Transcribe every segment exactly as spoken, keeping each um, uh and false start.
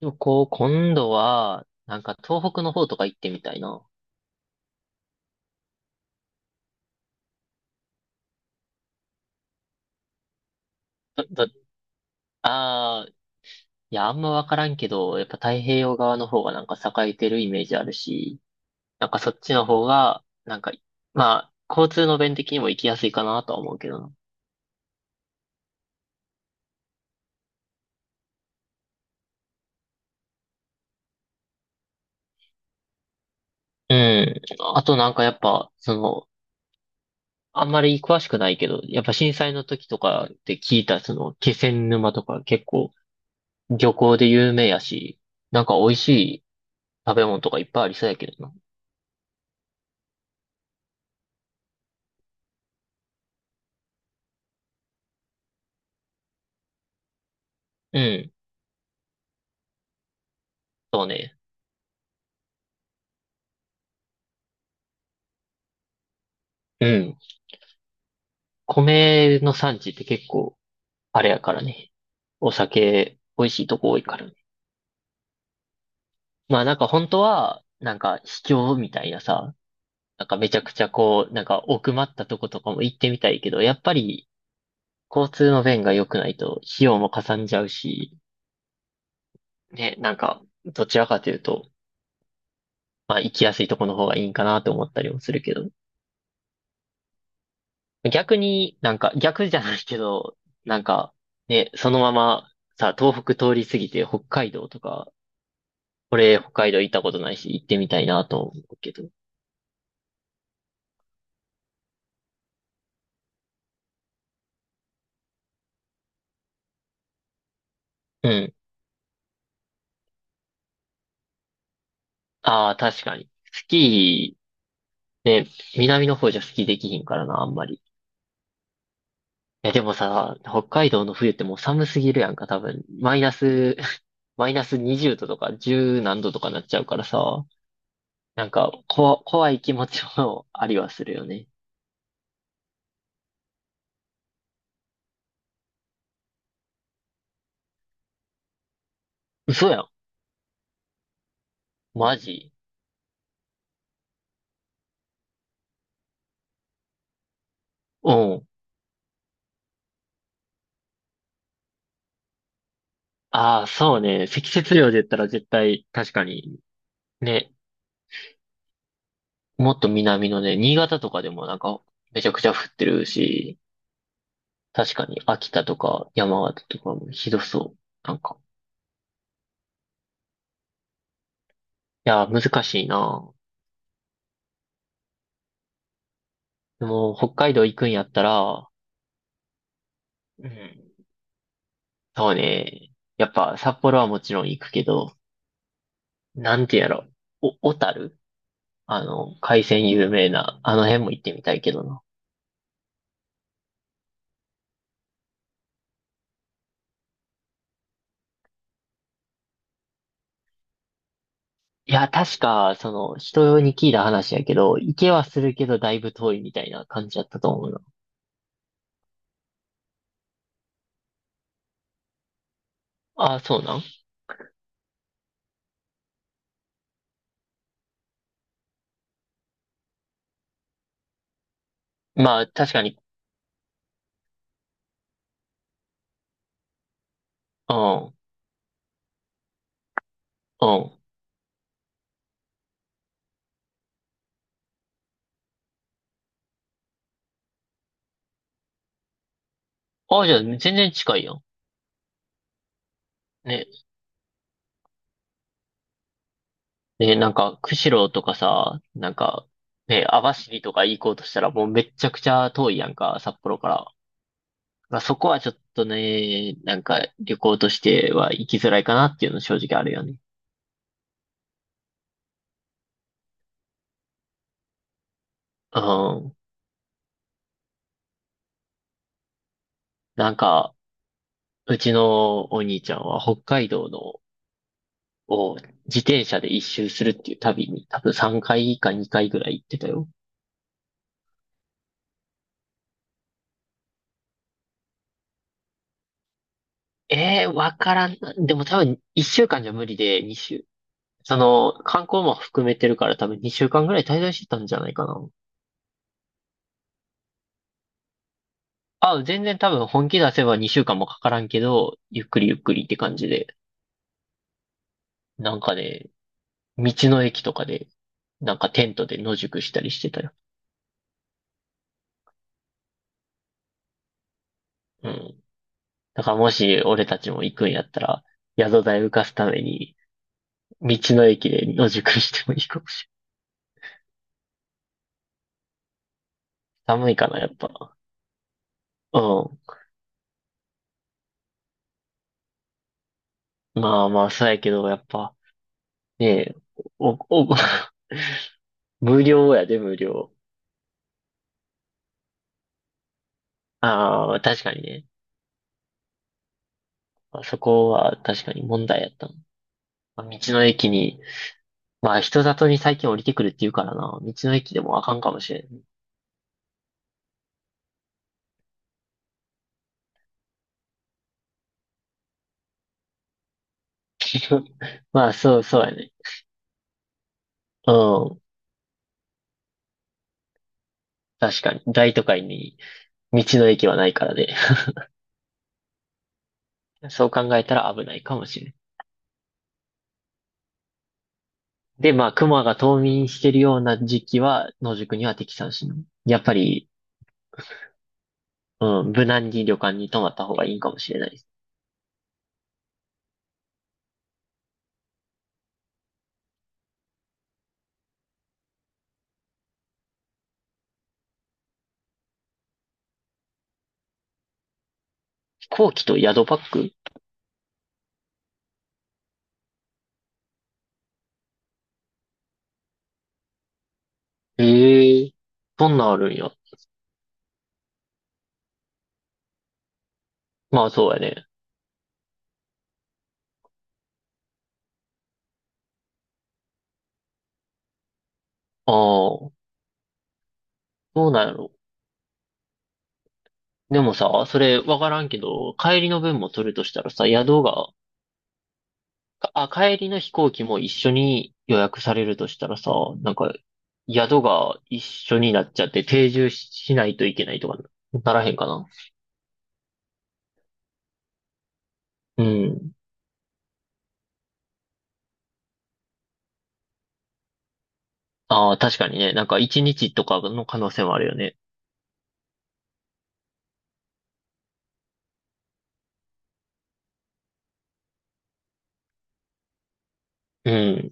でもこう、今度は、なんか東北の方とか行ってみたいな。だ、だ、ああ、いや、あんまわからんけど、やっぱ太平洋側の方がなんか栄えてるイメージあるし、なんかそっちの方が、なんか、まあ、交通の便的にも行きやすいかなとは思うけどな。うん。あとなんかやっぱ、その、あんまり詳しくないけど、やっぱ震災の時とかって聞いた、その、気仙沼とか結構漁港で有名やし、なんか美味しい食べ物とかいっぱいありそうやけどな。うん。そうね。うん。米の産地って結構、あれやからね。お酒、美味しいとこ多いからね。まあなんか本当は、なんか秘境みたいなさ、なんかめちゃくちゃこう、なんか奥まったとことかも行ってみたいけど、やっぱり交通の便が良くないと費用もかさんじゃうし、ね、なんかどちらかというと、まあ行きやすいとこの方がいいんかなと思ったりもするけど、逆になんか逆じゃないけど、なんかね、そのままさ、東北通り過ぎて北海道とか、俺、北海道行ったことないし、行ってみたいなと思うけど。うん。ああ、確かに。スキー、ね、南の方じゃスキーできひんからな、あんまり。いや、でもさ、北海道の冬ってもう寒すぎるやんか、多分。マイナス、マイナスにじゅうどとかじゅう何度とかなっちゃうからさ、なんか、こ、怖い気持ちもありはするよね。嘘やん。マジ？うん。ああ、そうね。積雪量で言ったら絶対、確かに、ね、もっと南のね、新潟とかでもなんかめちゃくちゃ降ってるし、確かに秋田とか山形とかもひどそう。なんか。いや、難しいな。でも、北海道行くんやったら、うん。そうね。やっぱ札幌はもちろん行くけど、なんてやろ。お、小樽、あの、海鮮有名な、あの辺も行ってみたいけどな。いや、確か、その、人に聞いた話やけど、行けはするけど、だいぶ遠いみたいな感じだったと思うな。ああ、そうなん？まあ、確かに、うん。うん。あ、じゃあ、全然近いやん。ね。ね、なんか、釧路とかさ、なんか、ね、網走とか行こうとしたらもうめっちゃくちゃ遠いやんか、札幌から。まあ、そこはちょっとね、なんか、旅行としては行きづらいかなっていうの正直あるよね。うん。なんか、うちのお兄ちゃんは北海道の、を自転車で一周するっていう旅に多分さんかいかにかいぐらい行ってたよ。ええー、わからんな。でも多分いっしゅうかんじゃ無理で、にその、観光も含めてるから多分にしゅうかんぐらい滞在してたんじゃないかな。あ、全然多分本気出せばにしゅうかんもかからんけど、ゆっくりゆっくりって感じで、なんかね、道の駅とかで、なんかテントで野宿したりしてたよ。うん。だからもし俺たちも行くんやったら、宿代浮かすために、道の駅で野宿してもいいかもしれない。寒いかな、やっぱ。うん。まあまあ、そうやけど、やっぱ、ねえ、お、お、無料やで、無料。ああ、確かにね。まあ、そこは確かに問題やったの、まあ、道の駅に、まあ人里に最近降りてくるって言うからな。道の駅でもあかんかもしれん。まあそう、そうやね。うん。確かに。大都会に道の駅はないからで。そう考えたら危ないかもしれん。で、まあ、熊が冬眠してるような時期は、野宿には適さんしない。やっぱり、うん、無難に旅館に泊まった方がいいかもしれないです。飛行機と宿パック、ええー、そんなんあるんや。まあ、そうやね。ああ、どうなんやろ？でもさ、それわからんけど、帰りの分も取るとしたらさ、宿が、あ、帰りの飛行機も一緒に予約されるとしたらさ、なんか、宿が一緒になっちゃって定住ししないといけないとかならへんかな。うん。ああ、確かにね。なんか一日とかの可能性もあるよね。うん。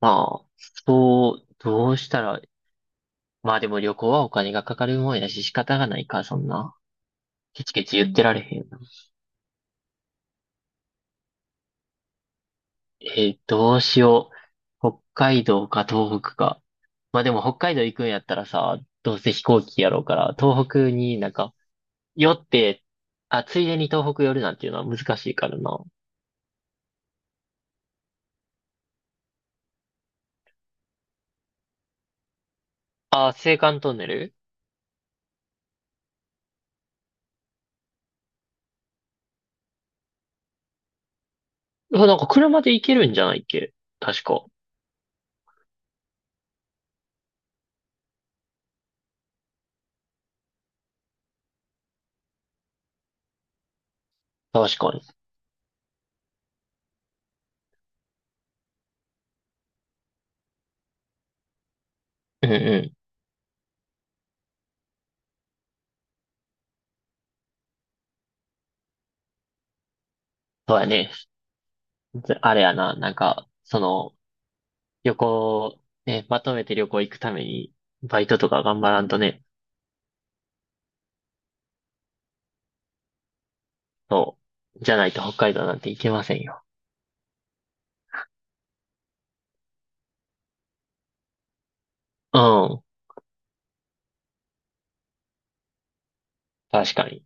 まあ、そう、どうしたら、まあでも旅行はお金がかかるもんやし仕方がないか、そんな。ケチケチ言ってられへんよな。えーどうしよう。北海道か東北か。まあでも北海道行くんやったらさ、どうせ飛行機やろうから、東北になんか、寄って、あ、ついでに東北寄るなんていうのは難しいからな。あ、青函トンネル、うわなんか車で行けるんじゃないっけ？確か。確かに。うんうん。そうやね。ずあれやな、なんか、その、旅行、ね、まとめて旅行行くために、バイトとか頑張らんとね、そう。じゃないと北海道なんて行けませんよ。うん。確かに。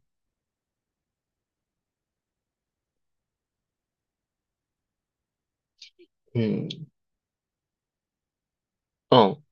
うん。うん。